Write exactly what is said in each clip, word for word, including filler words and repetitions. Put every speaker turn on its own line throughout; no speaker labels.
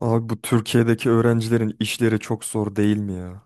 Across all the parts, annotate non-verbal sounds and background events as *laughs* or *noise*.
Abi bu Türkiye'deki öğrencilerin işleri çok zor değil mi ya?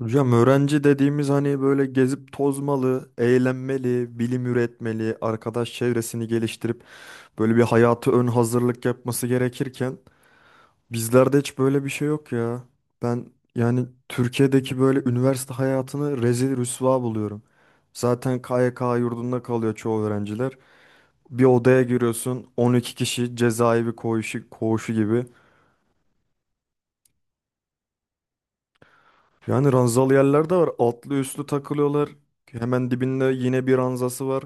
Hocam öğrenci dediğimiz hani böyle gezip tozmalı, eğlenmeli, bilim üretmeli, arkadaş çevresini geliştirip böyle bir hayatı ön hazırlık yapması gerekirken bizlerde hiç böyle bir şey yok ya. Ben yani Türkiye'deki böyle üniversite hayatını rezil rüsva buluyorum. Zaten K Y K yurdunda kalıyor çoğu öğrenciler. Bir odaya giriyorsun on iki kişi, cezaevi koğuşu, koğuşu gibi. Yani ranzalı yerler de var. Altlı üstlü takılıyorlar. Hemen dibinde yine bir ranzası var.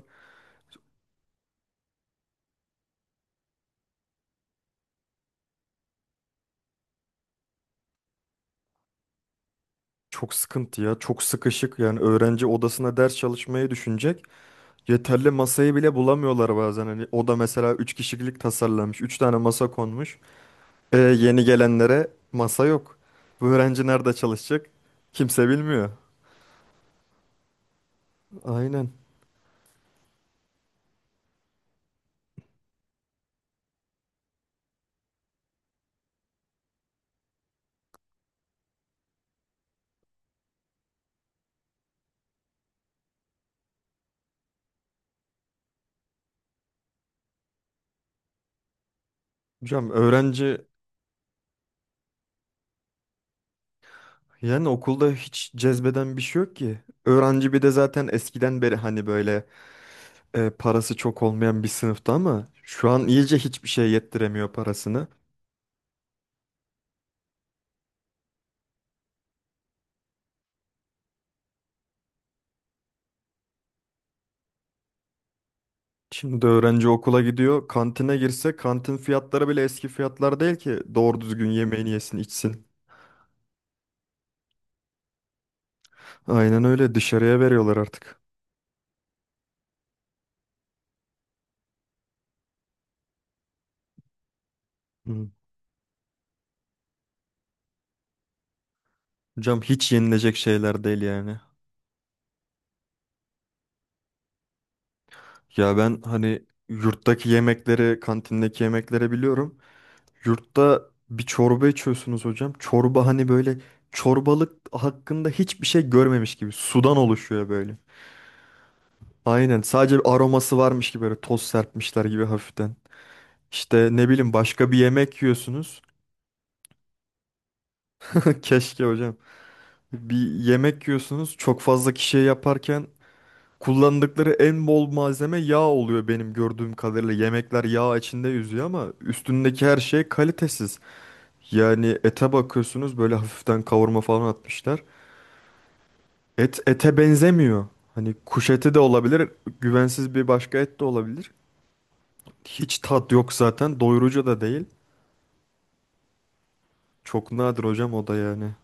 Çok sıkıntı ya. Çok sıkışık. Yani öğrenci odasına ders çalışmayı düşünecek. Yeterli masayı bile bulamıyorlar bazen. Hani oda mesela üç kişilik tasarlanmış. Üç tane masa konmuş. E, yeni gelenlere masa yok. Bu öğrenci nerede çalışacak? Kimse bilmiyor. Aynen. Hocam öğrenci yani okulda hiç cezbeden bir şey yok ki. Öğrenci bir de zaten eskiden beri hani böyle e, parası çok olmayan bir sınıfta ama şu an iyice hiçbir şey yettiremiyor parasını. Şimdi öğrenci okula gidiyor. Kantine girse kantin fiyatları bile eski fiyatlar değil ki doğru düzgün yemeğini yesin içsin. Aynen öyle dışarıya veriyorlar artık. Hı. Hocam hiç yenilecek şeyler değil yani. Ya ben hani yurttaki yemekleri, kantindeki yemekleri biliyorum. Yurtta bir çorba içiyorsunuz hocam. Çorba hani böyle çorbalık hakkında hiçbir şey görmemiş gibi sudan oluşuyor böyle. Aynen, sadece bir aroması varmış gibi böyle toz serpmişler gibi hafiften. İşte ne bileyim başka bir yemek yiyorsunuz. *laughs* Keşke hocam. Bir yemek yiyorsunuz çok fazla kişiye yaparken kullandıkları en bol malzeme yağ oluyor benim gördüğüm kadarıyla. Yemekler yağ içinde yüzüyor ama üstündeki her şey kalitesiz. Yani ete bakıyorsunuz böyle hafiften kavurma falan atmışlar. Et ete benzemiyor. Hani kuş eti de olabilir, güvensiz bir başka et de olabilir. Hiç tat yok zaten, doyurucu da değil. Çok nadir hocam o da yani.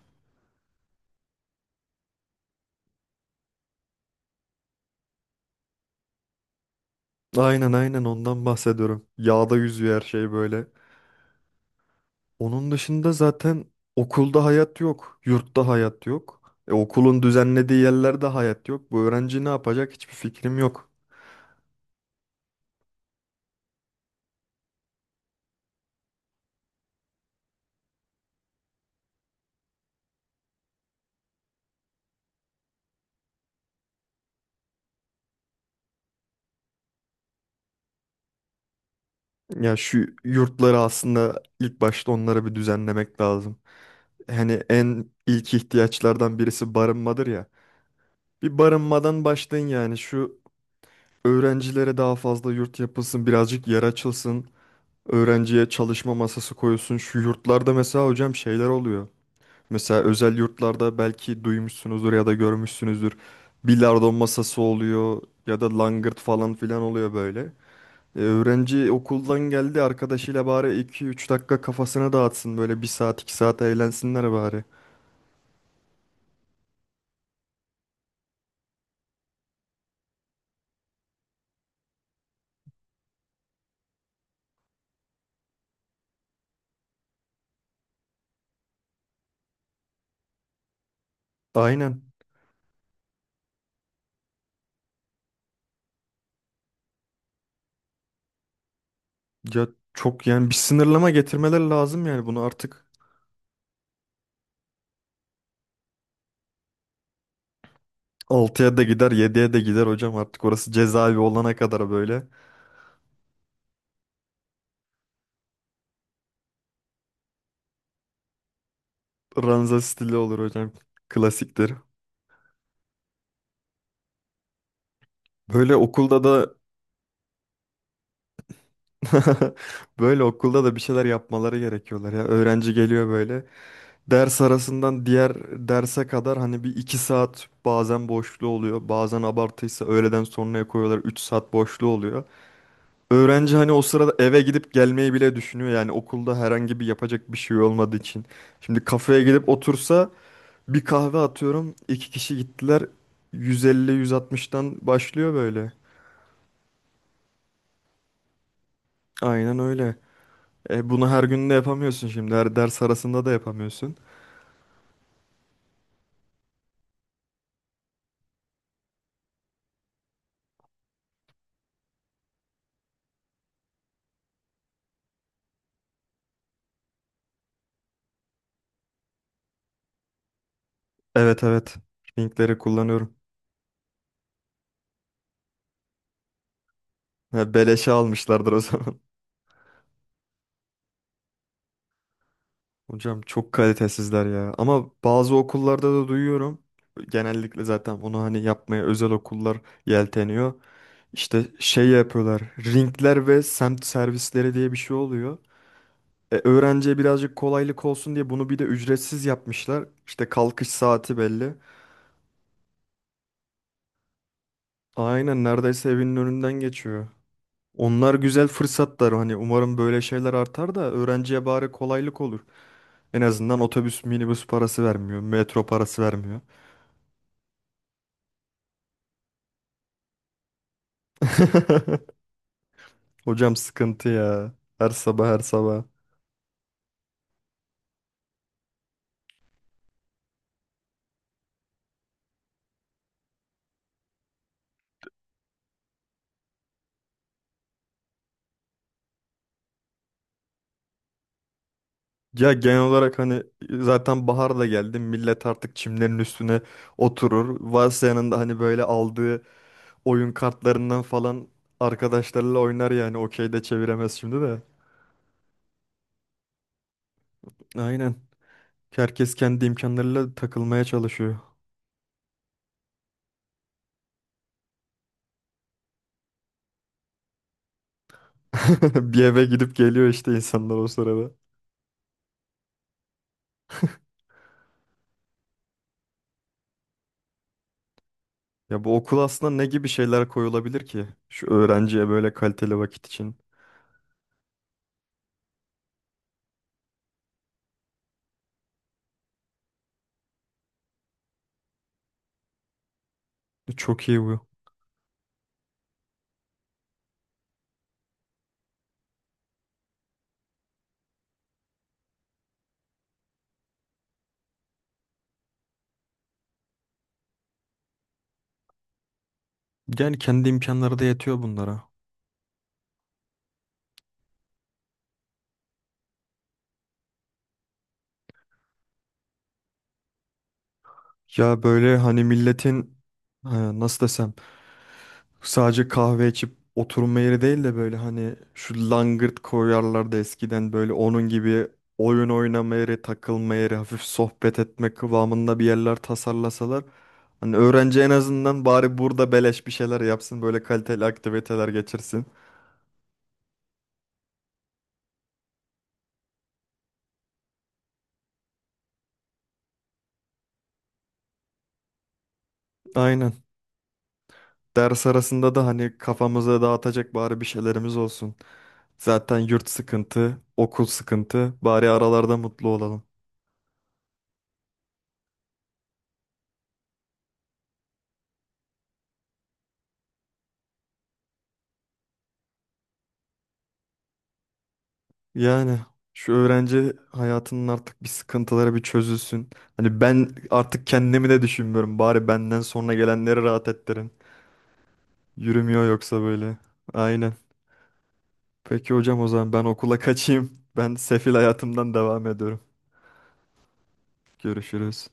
Aynen aynen ondan bahsediyorum. Yağda yüzüyor her şey böyle. Onun dışında zaten okulda hayat yok. Yurtta hayat yok. E, okulun düzenlediği yerlerde hayat yok. Bu öğrenci ne yapacak hiçbir fikrim yok. Ya şu yurtları aslında ilk başta onlara bir düzenlemek lazım. Hani en ilk ihtiyaçlardan birisi barınmadır ya. Bir barınmadan başlayın yani şu öğrencilere daha fazla yurt yapılsın, birazcık yer açılsın. Öğrenciye çalışma masası koyuyorsun. Şu yurtlarda mesela hocam şeyler oluyor. Mesela özel yurtlarda belki duymuşsunuzdur ya da görmüşsünüzdür. Bilardo masası oluyor ya da langırt falan filan oluyor böyle. E, öğrenci okuldan geldi arkadaşıyla bari iki üç dakika kafasını dağıtsın. Böyle bir saat iki saat eğlensinler bari. Aynen. Ya çok yani bir sınırlama getirmeler lazım yani bunu artık altıya da gider yediye de gider hocam artık orası cezaevi olana kadar böyle. Ranza stili olur hocam. Klasiktir. Böyle okulda da *laughs* Böyle okulda da bir şeyler yapmaları gerekiyorlar ya. Öğrenci geliyor böyle. Ders arasından diğer derse kadar hani bir iki saat bazen boşluğu oluyor. Bazen abartıysa öğleden sonraya koyuyorlar. Üç saat boşluğu oluyor. Öğrenci hani o sırada eve gidip gelmeyi bile düşünüyor. Yani okulda herhangi bir yapacak bir şey olmadığı için. Şimdi kafeye gidip otursa bir kahve atıyorum. İki kişi gittiler. Yüz elli, yüz 160tan başlıyor böyle. Aynen öyle. E, bunu her gün de yapamıyorsun şimdi. Her ders arasında da yapamıyorsun. Evet, evet. Linkleri kullanıyorum. Ha, beleşe almışlardır o zaman. *laughs* Hocam çok kalitesizler ya. Ama bazı okullarda da duyuyorum. Genellikle zaten onu hani yapmaya özel okullar yelteniyor. İşte şey yapıyorlar. Ringler ve semt servisleri diye bir şey oluyor. E, öğrenciye birazcık kolaylık olsun diye bunu bir de ücretsiz yapmışlar. İşte kalkış saati belli. Aynen, neredeyse evinin önünden geçiyor. Onlar güzel fırsatlar, hani umarım böyle şeyler artar da öğrenciye bari kolaylık olur. En azından otobüs minibüs parası vermiyor, metro parası vermiyor. *laughs* Hocam sıkıntı ya. Her sabah, her sabah. Ya genel olarak hani zaten bahar da geldi. Millet artık çimlerin üstüne oturur. Varsa yanında hani böyle aldığı oyun kartlarından falan arkadaşlarıyla oynar yani. Okey de çeviremez şimdi de. Aynen. Herkes kendi imkanlarıyla takılmaya çalışıyor. *laughs* Bir eve gidip geliyor işte insanlar o sırada. Ya bu okul aslında ne gibi şeyler koyulabilir ki? Şu öğrenciye böyle kaliteli vakit için. E, çok iyi bu. Yani kendi imkanları da yetiyor bunlara. Ya böyle hani milletin, e, nasıl desem, sadece kahve içip oturma yeri değil de böyle hani şu langırt koyarlardı eskiden böyle onun gibi oyun oynama yeri, takılma yeri, hafif sohbet etme kıvamında bir yerler tasarlasalar. Hani öğrenci en azından bari burada beleş bir şeyler yapsın, böyle kaliteli aktiviteler geçirsin. Aynen. Ders arasında da hani kafamıza dağıtacak bari bir şeylerimiz olsun. Zaten yurt sıkıntı, okul sıkıntı, bari aralarda mutlu olalım. Yani şu öğrenci hayatının artık bir sıkıntıları bir çözülsün. Hani ben artık kendimi de düşünmüyorum. Bari benden sonra gelenleri rahat ettirin. Yürümüyor yoksa böyle. Aynen. Peki hocam o zaman ben okula *laughs* kaçayım. Ben sefil hayatımdan devam ediyorum. Görüşürüz.